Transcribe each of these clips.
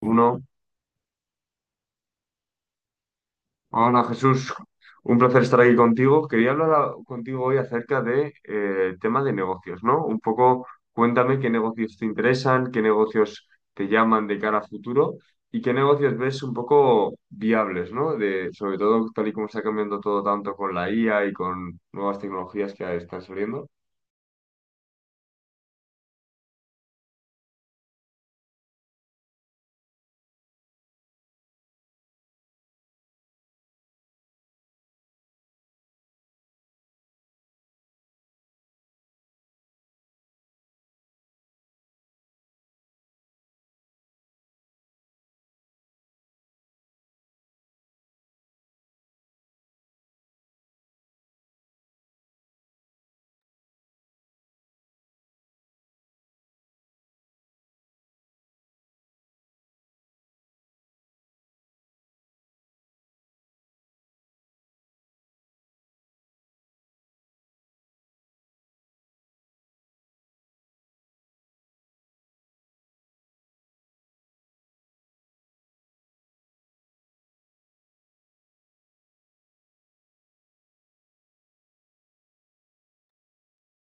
Uno. Hola Jesús, un placer estar aquí contigo. Quería contigo hoy acerca de tema de negocios, ¿no? Un poco cuéntame qué negocios te interesan, qué negocios te llaman de cara a futuro y qué negocios ves un poco viables, ¿no? De, sobre todo tal y como está cambiando todo tanto con la IA y con nuevas tecnologías que están saliendo.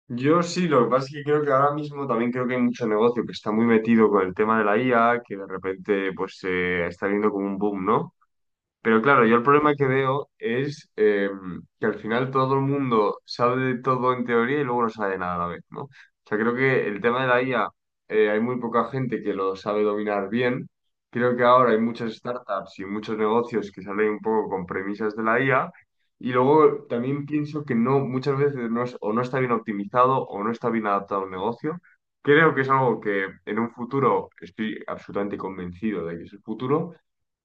Yo sí, lo que pasa es que creo que ahora mismo también creo que hay mucho negocio que está muy metido con el tema de la IA, que de repente pues se está viendo como un boom, ¿no? Pero claro, yo el problema que veo es que al final todo el mundo sabe de todo en teoría y luego no sabe de nada a la vez, ¿no? O sea, creo que el tema de la IA, hay muy poca gente que lo sabe dominar bien. Creo que ahora hay muchas startups y muchos negocios que salen un poco con premisas de la IA. Y luego también pienso que no, muchas veces o no está bien optimizado o no está bien adaptado al negocio. Creo que es algo que en un futuro, estoy absolutamente convencido de que es el futuro,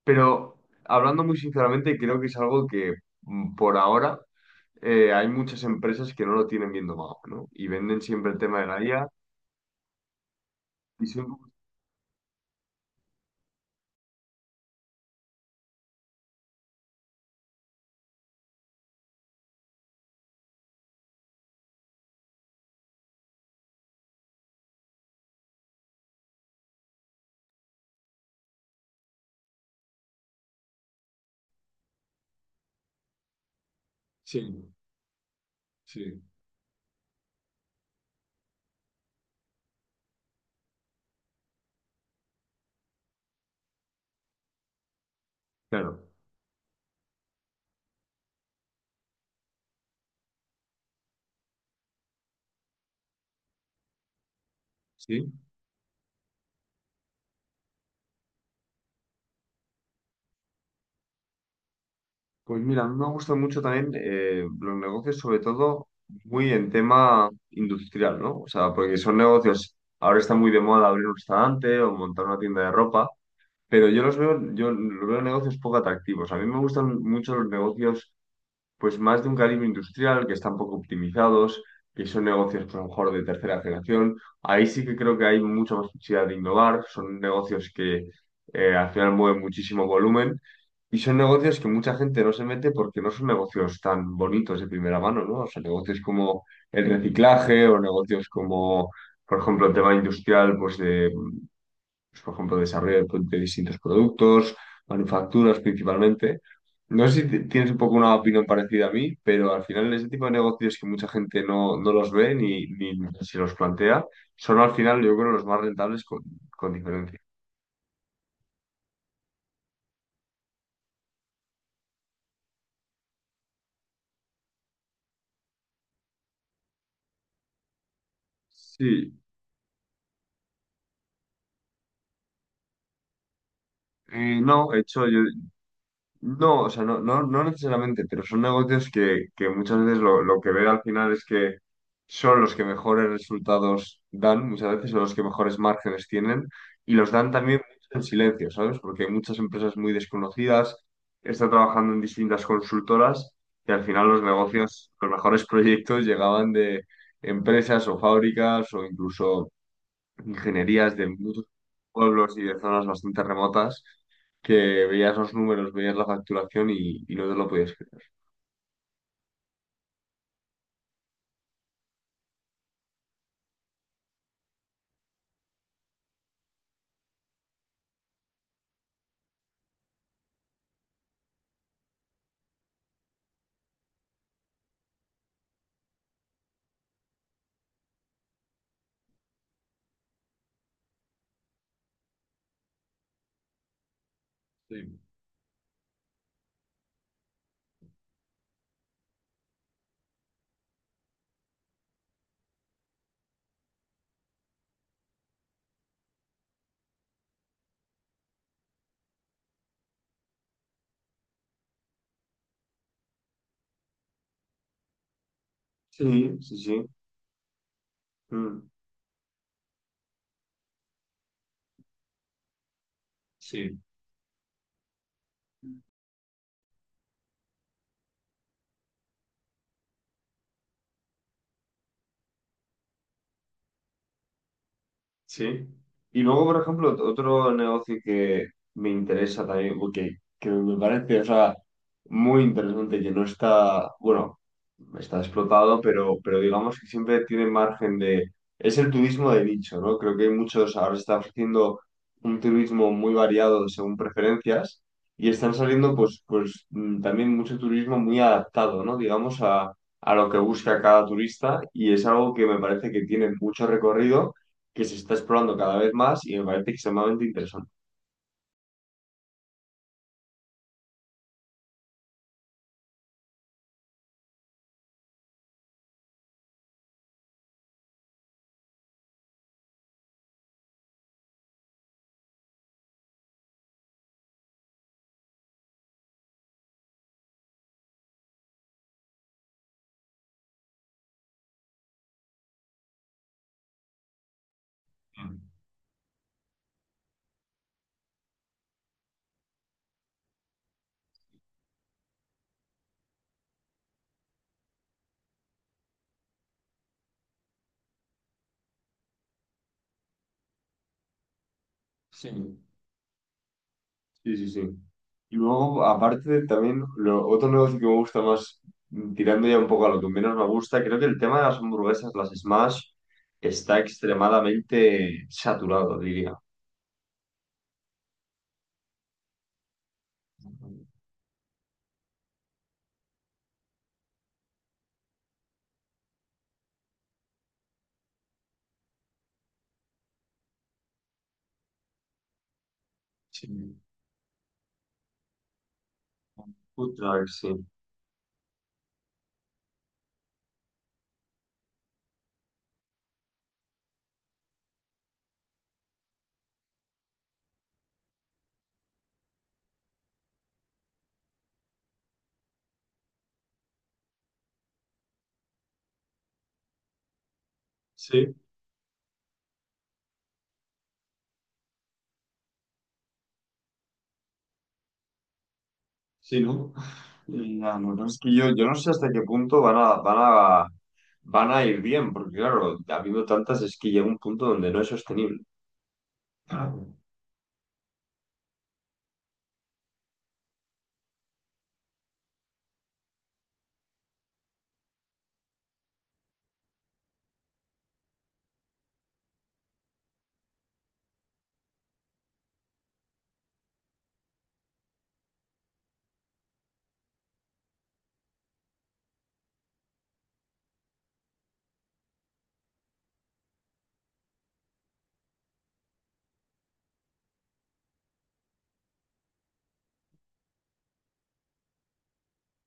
pero hablando muy sinceramente, creo que es algo que por ahora hay muchas empresas que no lo tienen bien domado, ¿no? Y venden siempre el tema de la IA y son... Sí, sí, claro. Sí. Pues mira, a mí me gustan mucho también los negocios, sobre todo muy en tema industrial, ¿no? O sea, porque son negocios, ahora está muy de moda abrir un restaurante o montar una tienda de ropa, pero yo los veo negocios poco atractivos. A mí me gustan mucho los negocios pues más de un calibre industrial, que están poco optimizados, que son negocios pues, a lo mejor de tercera generación. Ahí sí que creo que hay mucha más posibilidad de innovar, son negocios que al final mueven muchísimo volumen y son negocios que mucha gente no se mete porque no son negocios tan bonitos de primera mano, ¿no? O sea, negocios como el reciclaje o negocios como, por ejemplo, el tema industrial, pues de pues, por ejemplo, desarrollo de distintos productos, manufacturas principalmente. No sé si tienes un poco una opinión parecida a mí, pero al final ese tipo de negocios que mucha gente no, no los ve ni, ni se los plantea, son al final yo creo los más rentables con diferencia. Sí, no, de hecho yo, no, o sea, no, no, no necesariamente, pero son negocios que muchas veces lo que veo al final es que son los que mejores resultados dan, muchas veces son los que mejores márgenes tienen y los dan también en silencio, ¿sabes? Porque hay muchas empresas muy desconocidas, está trabajando en distintas consultoras y al final los negocios, los mejores proyectos llegaban de empresas o fábricas o incluso ingenierías de muchos pueblos y de zonas bastante remotas, que veías los números, veías la facturación y no te lo podías creer. Sí, sí, sí, sí. Mm, sí. Sí. Y luego, por ejemplo, otro negocio que me interesa también, o que me parece, o sea, muy interesante, que no está, bueno, está explotado, pero digamos que siempre tiene margen de... Es el turismo de nicho, ¿no? Creo que hay muchos, ahora se está ofreciendo un turismo muy variado según preferencias y están saliendo, pues, pues también mucho turismo muy adaptado, ¿no? Digamos a lo que busca cada turista y es algo que me parece que tiene mucho recorrido, que se está explorando cada vez más y me parece extremadamente interesante. Sí. Sí, sí, sí. Y luego, aparte, también lo, otro negocio que me gusta más, tirando ya un poco a lo que menos me gusta, creo que el tema de las hamburguesas, las Smash, está extremadamente saturado, diría. Sí. Food trucks, sí. Sí, sí, ¿no? Y la verdad es que yo no sé hasta qué punto van a ir bien, porque claro, habiendo tantas es que llega un punto donde no es sostenible.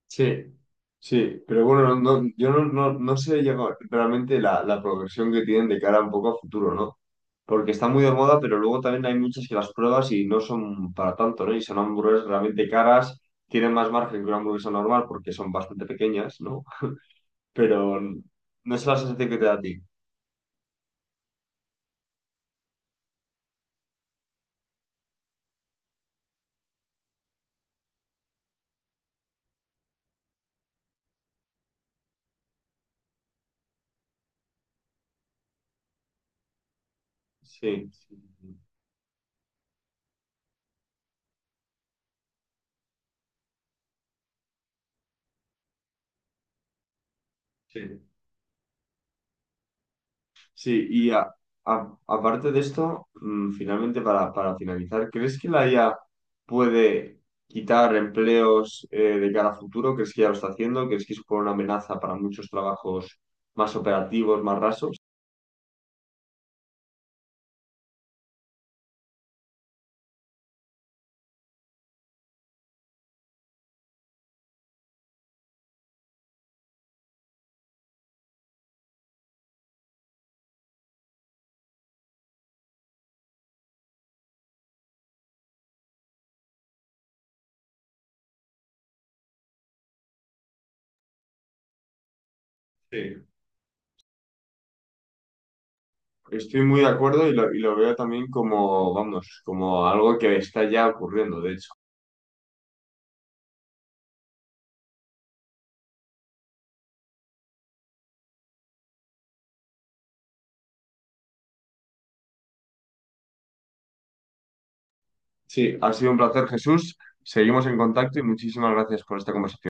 Sí, sí, pero bueno, no, yo no, no, no sé ya realmente la, la progresión que tienen de cara un poco a futuro, ¿no? Porque está muy de moda, pero luego también hay muchas que las pruebas y no son para tanto, ¿no? Y son hamburguesas realmente caras, tienen más margen que una hamburguesa normal porque son bastante pequeñas, ¿no? Pero no es la sensación que te da a ti. Sí, sí, sí. Sí. Sí, y aparte de esto, finalmente para finalizar, ¿crees que la IA puede quitar empleos de cara a futuro? ¿Crees que ya lo está haciendo? ¿Crees que supone una amenaza para muchos trabajos más operativos, más rasos? Sí, estoy muy de acuerdo y lo veo también como, vamos, como algo que está ya ocurriendo, de hecho. Sí, ha sido un placer, Jesús. Seguimos en contacto y muchísimas gracias por esta conversación.